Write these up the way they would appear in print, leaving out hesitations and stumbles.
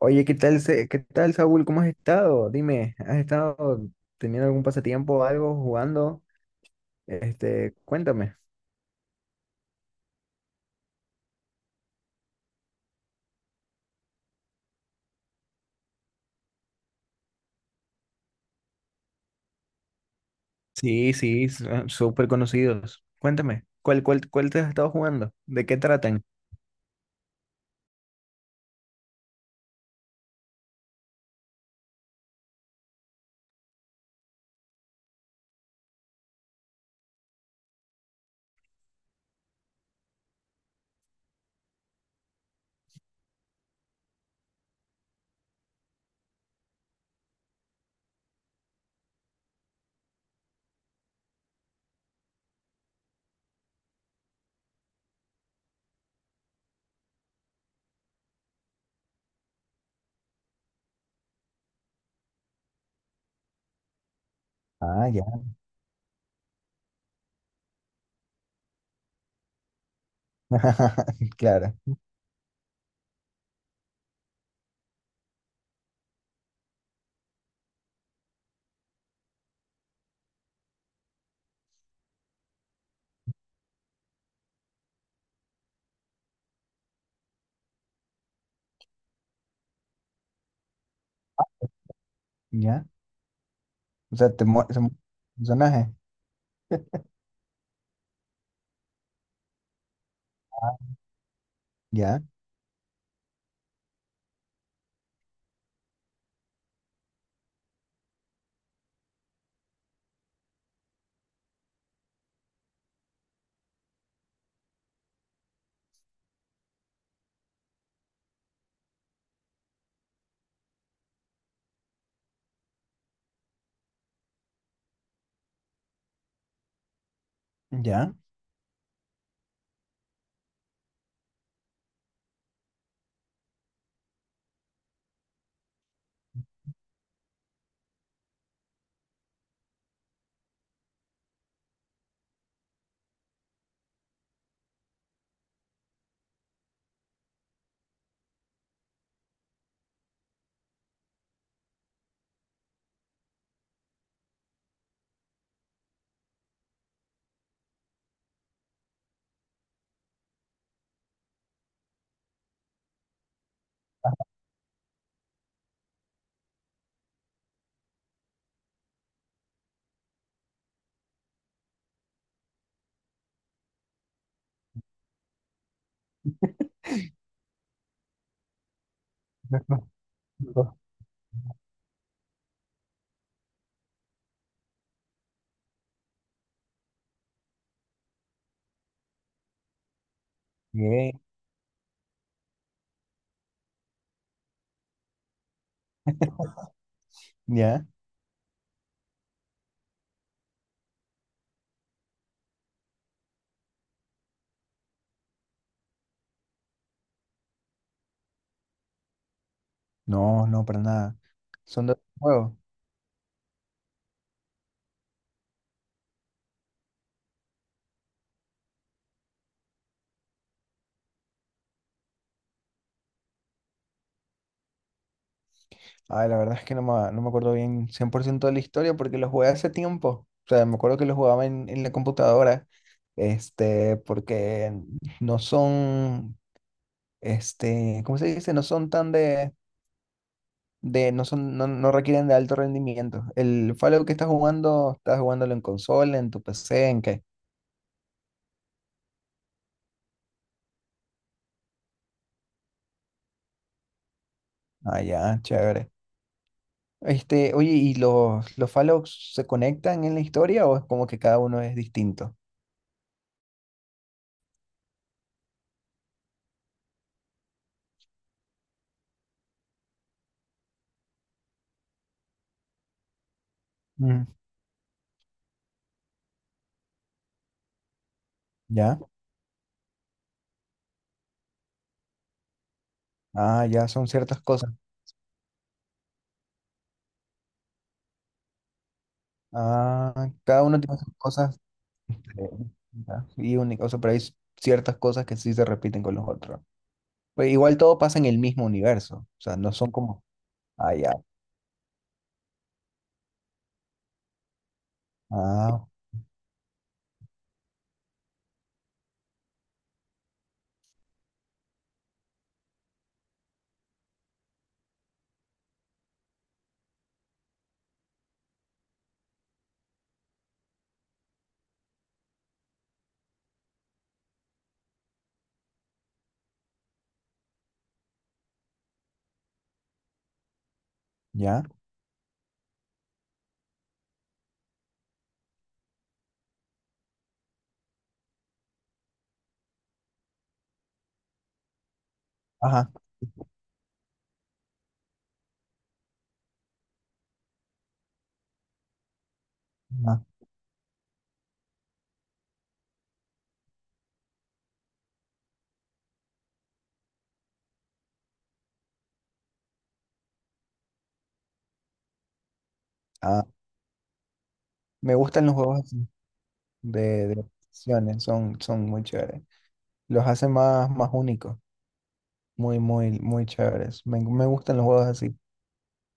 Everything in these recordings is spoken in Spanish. Oye, ¿qué tal, qué tal, Saúl? ¿Cómo has estado? Dime, ¿has estado teniendo algún pasatiempo, o algo, jugando? Cuéntame. Sí, sí, súper conocidos. Cuéntame, ¿ cuál te has estado jugando? ¿De qué tratan? Ah, ya. Claro. Ya. O sea, son personajes. Ah, ya. ¿Ya? No, no, no. Bien. Ya. No, no, para nada. Son dos juegos. Ay, la verdad es que no me acuerdo bien 100% de la historia porque lo jugué hace tiempo. O sea, me acuerdo que lo jugaba en la computadora, porque no son, este, ¿cómo se dice? No son tan de no son, no, no requieren de alto rendimiento. El Fallout que estás jugando, estás jugándolo en consola, en tu PC, ¿en qué? Ah, ya, chévere. Oye, ¿y los Fallouts se conectan en la historia o es como que cada uno es distinto? Mm. ¿Ya? Ah, ya son ciertas cosas. Ah, cada uno tiene sus cosas distintas y únicas, o sea, pero hay ciertas cosas que sí se repiten con los otros. Pero igual todo pasa en el mismo universo, o sea, no son como, ah, ya, ah, ya, ajá, ah, ah. Me gustan los juegos así de opciones, son muy chéveres. Los hacen más, más únicos, muy, muy, muy chéveres. Me gustan los juegos así,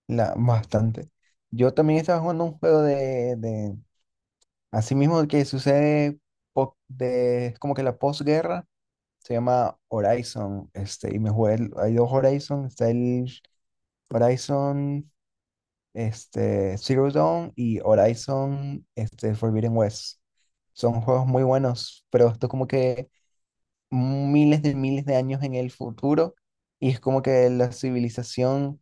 la, bastante. Yo también estaba jugando un juego asimismo, el que sucede po- de, es como que la posguerra se llama Horizon, y me jugué, hay dos Horizon, está el Horizon Zero Dawn y Horizon Forbidden West. Son juegos muy buenos, pero esto es como que miles de años en el futuro, y es como que la civilización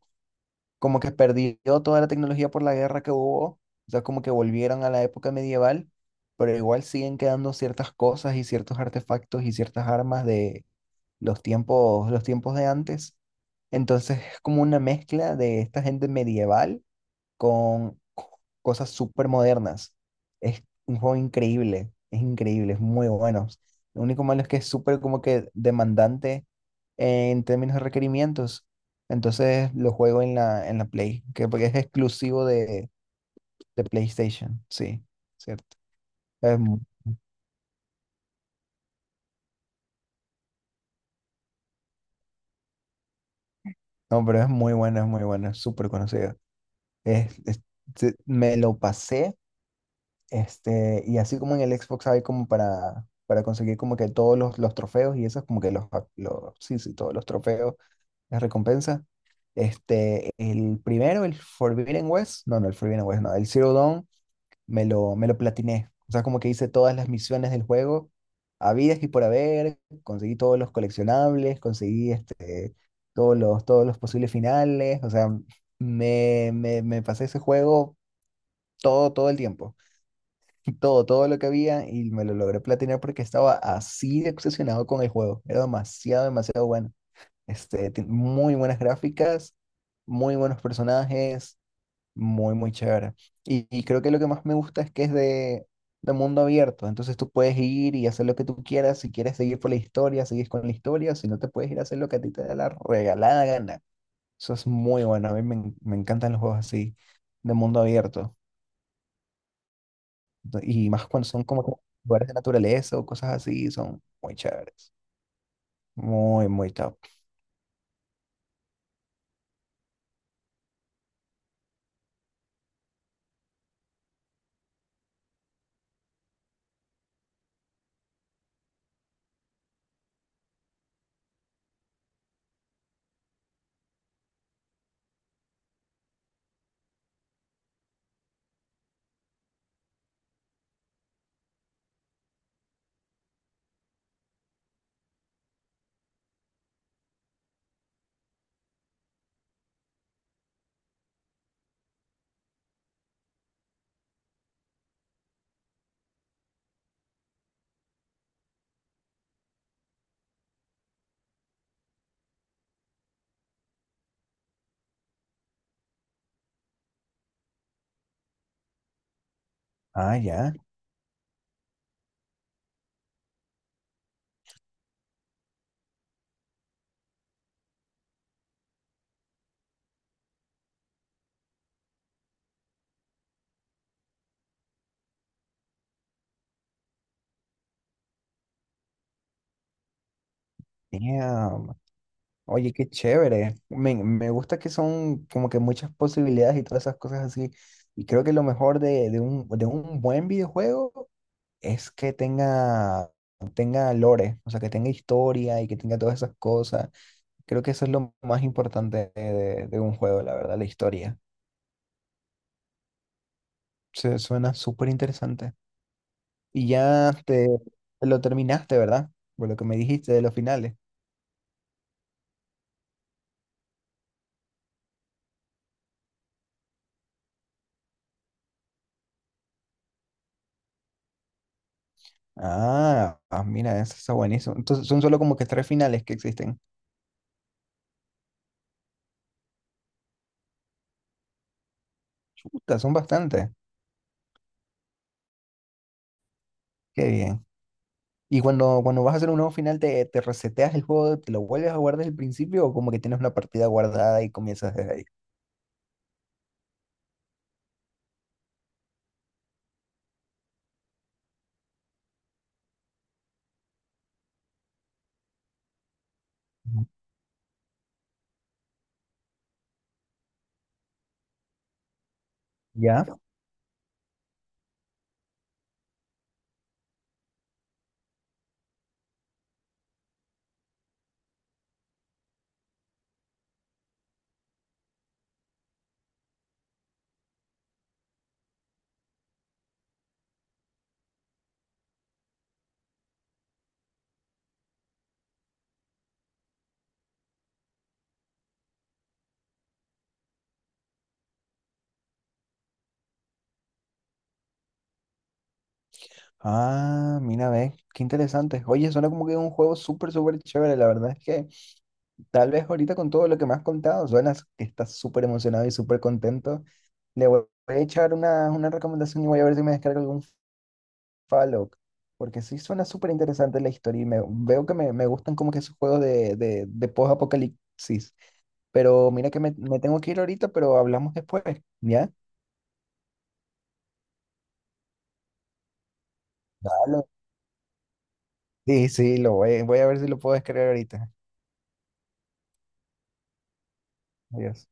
como que perdió toda la tecnología por la guerra que hubo, o sea, como que volvieron a la época medieval, pero igual siguen quedando ciertas cosas y ciertos artefactos y ciertas armas de los tiempos de antes. Entonces es como una mezcla de esta gente medieval con cosas súper modernas. Es un juego increíble, es muy bueno. Lo único malo es que es súper como que demandante en términos de requerimientos. Entonces lo juego en en la Play, que porque es exclusivo de PlayStation, sí, cierto. Es mu- no, pero es muy bueno, es muy bueno, es súper conocido. Es, es- Me lo pasé. Y así como en el Xbox hay como para conseguir como que todos los trofeos y esas como que sí, sí, todos los trofeos, las recompensas. El primero, el Forbidden West, no, no, el Forbidden West, no, el Zero Dawn, me lo platiné. O sea, como que hice todas las misiones del juego, habidas y por haber, conseguí todos los coleccionables, conseguí todos todos los posibles finales, o sea, me pasé ese juego todo, todo el tiempo. Todo, todo lo que había y me lo logré platinar porque estaba así de obsesionado con el juego. Era demasiado, demasiado bueno. Muy buenas gráficas, muy buenos personajes, muy, muy chévere. Y creo que lo que más me gusta es que es de mundo abierto. Entonces tú puedes ir y hacer lo que tú quieras. Si quieres seguir por la historia, sigues con la historia. Si no, te puedes ir a hacer lo que a ti te da la regalada gana. Eso es muy bueno. A me encantan los juegos así, de mundo abierto. Y más cuando son como que lugares de naturaleza o cosas así, son muy chéveres. Muy, muy top. Ah, ya. Damn. Oye, qué chévere. Me gusta que son como que muchas posibilidades y todas esas cosas así. Y creo que lo mejor de un buen videojuego es que tenga, tenga lore, o sea, que tenga historia y que tenga todas esas cosas. Creo que eso es lo más importante de un juego, la verdad, la historia. Suena súper interesante. Y ya te lo terminaste, ¿verdad? Por lo que me dijiste de los finales. Ah, ah, mira, eso está buenísimo. Entonces son solo como que tres finales que existen. Chuta, son bastantes. Qué bien. Y cuando vas a hacer un nuevo final, te reseteas el juego, te lo vuelves a guardar desde el principio o como que tienes una partida guardada y comienzas desde ahí? Ujú. ¿Ya? Ah, mira, ve, qué interesante. Oye, suena como que un juego súper, súper chévere. La verdad es que tal vez ahorita con todo lo que me has contado, suenas que estás súper emocionado y súper contento. Le voy Voy a echar una recomendación y voy a ver si me descargo algún Fallout. Porque sí suena súper interesante la historia y veo que me gustan como que esos juegos de post-apocalipsis. Pero mira que me tengo que ir ahorita, pero hablamos después, ¿ya? Dale. Sí, sí, voy a ver si lo puedo descargar ahorita. Adiós.